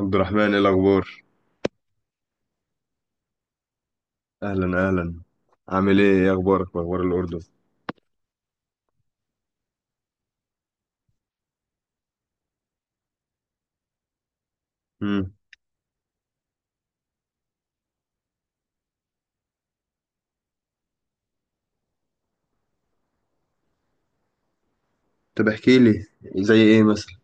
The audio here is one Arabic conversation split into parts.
عبد الرحمن، ايه الاخبار؟ اهلا اهلا. عامل ايه اخبارك واخبار الاردن؟ امم طب احكي لي، زي ايه مثلا؟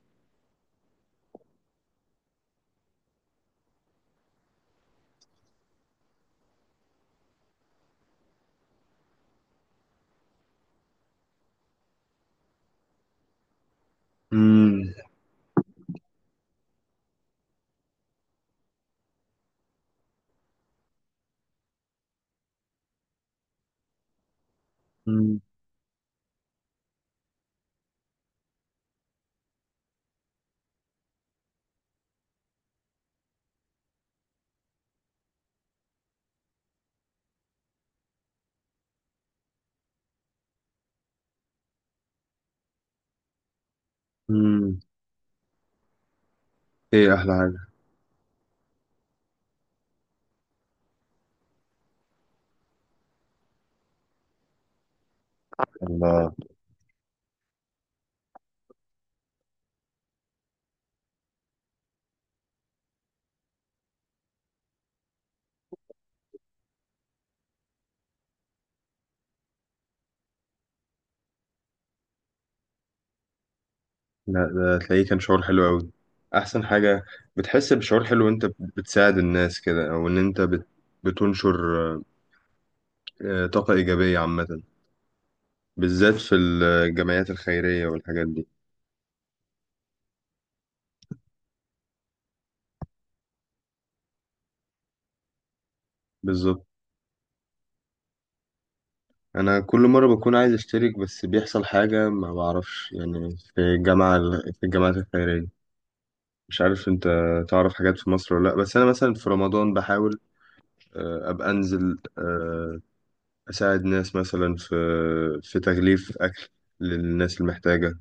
امم امم امم ايه احلى حاجه؟ الله. لا، ده تلاقيه كان شعور حلو قوي. احسن حاجه. بتحس بشعور حلو وانت بتساعد الناس كده، او ان انت بتنشر طاقه ايجابيه عامه، بالذات في الجمعيات الخيريه والحاجات دي. بالظبط. انا كل مره بكون عايز اشترك، بس بيحصل حاجه ما بعرفش، يعني في الجامعه، في الجامعات الخيريه، مش عارف انت تعرف حاجات في مصر ولا لا. بس انا مثلا في رمضان بحاول ابقى انزل اساعد ناس مثلا في في تغليف اكل للناس المحتاجه.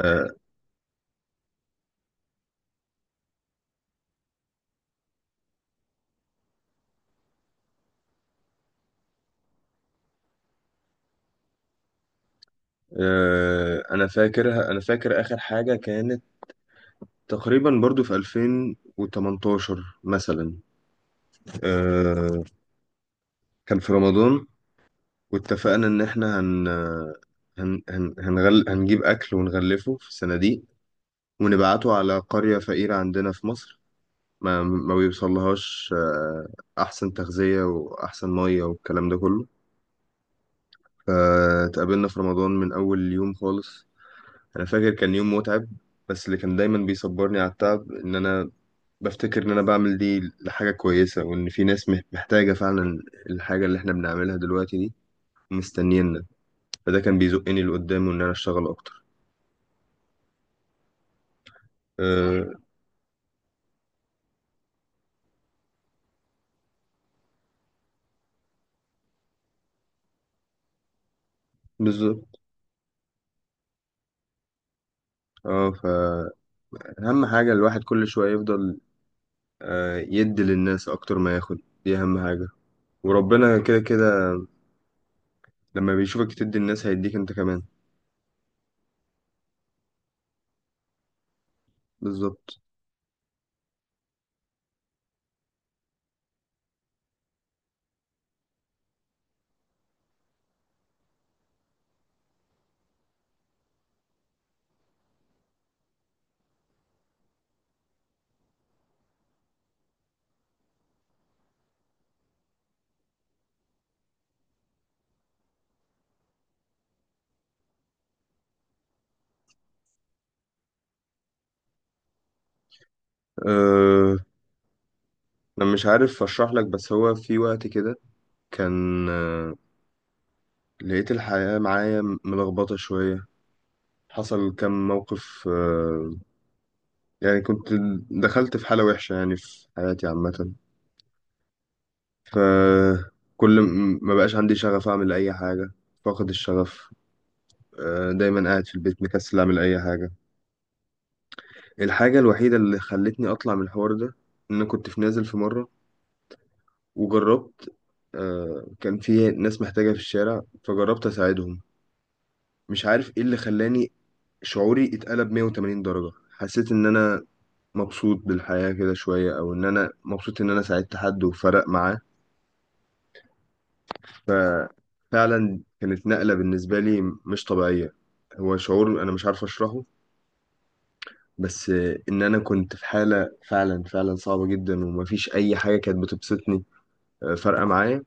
آه، انا فاكر اخر حاجه كانت تقريبا برضو في 2018 مثلا. آه، كان في رمضان، واتفقنا ان احنا هنجيب اكل ونغلفه في صناديق، ونبعته على قرية فقيرة عندنا في مصر ما ما بيوصلهاش احسن تغذية واحسن مية والكلام ده كله. فتقابلنا في رمضان من اول يوم خالص. انا فاكر كان يوم متعب، بس اللي كان دايما بيصبرني على التعب ان انا بفتكر ان انا بعمل دي لحاجة كويسة، وان في ناس محتاجة فعلا الحاجة اللي احنا بنعملها دلوقتي دي، مستنينا. فده كان بيزقني لقدام، وان انا اشتغل اكتر. آه، بالظبط. اه، فأهم حاجة الواحد كل شوية يفضل يدي للناس أكتر ما ياخد. دي أهم حاجة. وربنا كده كده، لما بيشوفك تدي الناس هيديك أنت كمان. بالظبط. أه، أنا مش عارف أشرح لك، بس هو في وقت كده كان لقيت الحياة معايا ملخبطة شوية. حصل كم موقف. يعني كنت دخلت في حالة وحشة، يعني في حياتي عامة. فكل ما بقاش عندي شغف أعمل أي حاجة، فاقد الشغف. دايما قاعد في البيت مكسل اعمل اي حاجه. الحاجه الوحيده اللي خلتني اطلع من الحوار ده ان أنا كنت في نازل في مره وجربت. كان في ناس محتاجه في الشارع فجربت اساعدهم. مش عارف ايه اللي خلاني شعوري اتقلب 180 درجه. حسيت ان انا مبسوط بالحياه كده شويه، او ان انا مبسوط ان انا ساعدت حد وفرق معاه. ففعلا كانت نقله بالنسبه لي مش طبيعيه. هو شعور انا مش عارف اشرحه، بس ان انا كنت في حاله فعلا فعلا صعبه جدا، ومفيش اي حاجه كانت بتبسطني فارقه معايا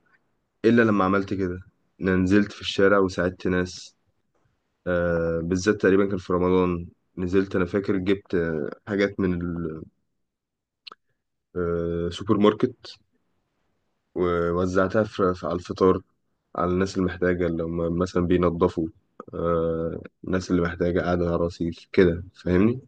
الا لما عملت كده. انا نزلت في الشارع وساعدت ناس. بالذات تقريبا كان في رمضان. نزلت انا فاكر جبت حاجات من السوبر ماركت، ووزعتها على الفطار، على الناس المحتاجه اللي هم مثلا بينظفوا. الناس اللي محتاجه قاعده على رصيف كده، فاهمني.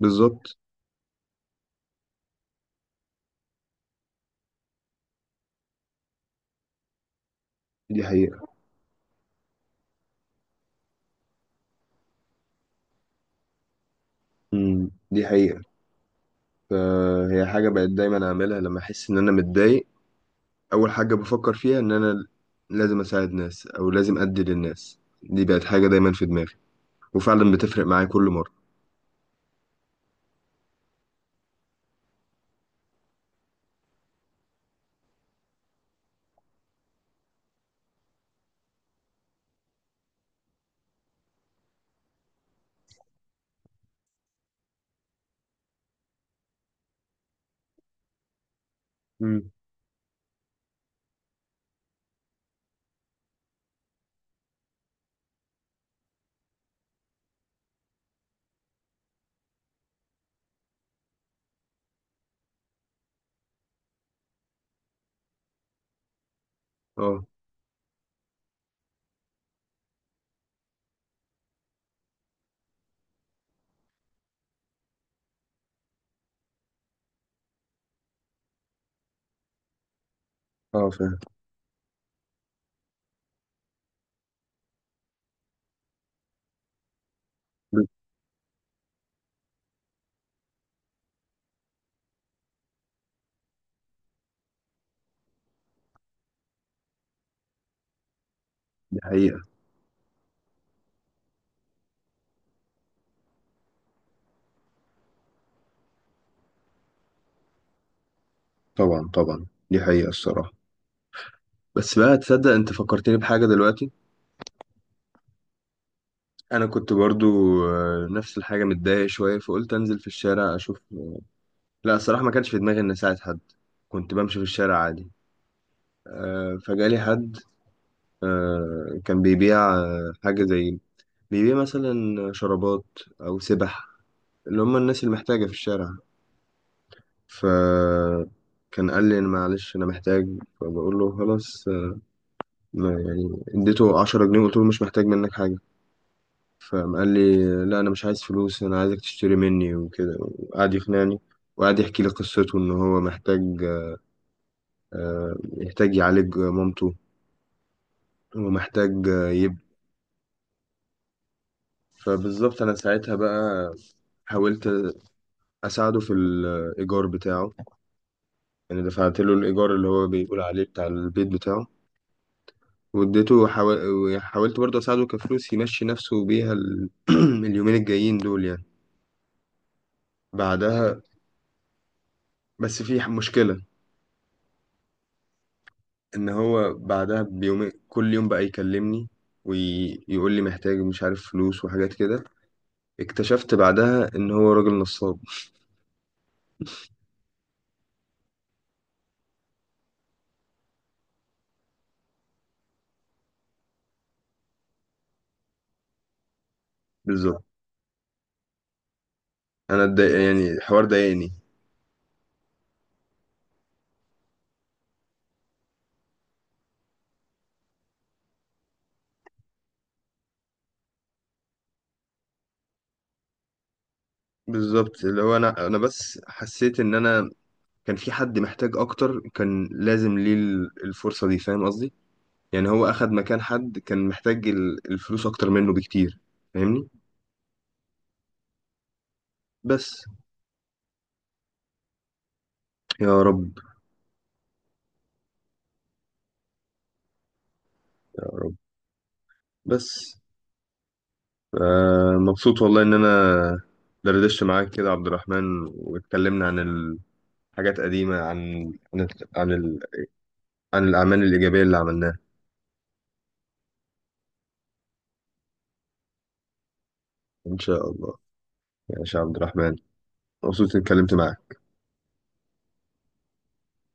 بالظبط. دي حقيقه. مم، دي حقيقه. هي حاجة بقت دايما أعملها لما أحس إن أنا متضايق. أول حاجة بفكر فيها إن أنا لازم أساعد ناس، أو لازم أدي للناس. دي بقت حاجة دايما في دماغي، وفعلا بتفرق معايا كل مرة. مم. اه. اه، فاهم. دي حقيقة. طبعا طبعا دي حقيقة الصراحة. بس بقى، تصدق أنت فكرتني بحاجة دلوقتي؟ أنا كنت برضو نفس الحاجة، متضايق شوية فقلت أنزل في الشارع أشوف. لا، الصراحة ما كانش في دماغي إني أساعد حد، كنت بمشي في الشارع عادي. فجالي حد كان بيبيع حاجة زي، بيبيع مثلا شرابات أو سبح، اللي هم الناس المحتاجة في الشارع. فكان قال لي أنا معلش أنا محتاج. فبقول له خلاص، ما يعني اديته 10 جنيه وقلت له مش محتاج منك حاجة. فقام قال لي لا، أنا مش عايز فلوس، أنا عايزك تشتري مني وكده، وقعد يقنعني وقعد يحكي لي قصته إن هو محتاج، يحتاج يعالج مامته، ومحتاج آه، يب فبالظبط أنا ساعتها بقى حاولت اساعده في الايجار بتاعه، يعني دفعت له الايجار اللي هو بيقول عليه بتاع البيت بتاعه. واديته حاولت برضه اساعده كفلوس يمشي نفسه بيها اليومين الجايين دول يعني. بعدها، بس في مشكلة. ان هو بعدها بيوم كل يوم بقى يكلمني ويقول لي محتاج مش عارف فلوس وحاجات كده. اكتشفت بعدها ان هو راجل نصاب. بالظبط. انا اتضايق، يعني الحوار ضايقني. بالظبط، اللي هو انا بس حسيت ان انا كان في حد محتاج اكتر كان لازم ليه الفرصة دي، فاهم قصدي؟ يعني هو اخد مكان حد كان محتاج الفلوس اكتر منه بكتير، فاهمني. بس. يا رب. يا رب. بس مبسوط والله ان انا دردشت معاك كده يا عبد الرحمن، واتكلمنا عن الحاجات قديمة، عن عن الاعمال الايجابية اللي عملناها. ان شاء الله. يا شيخ عبد الرحمن، مبسوط اني اتكلمت معاك.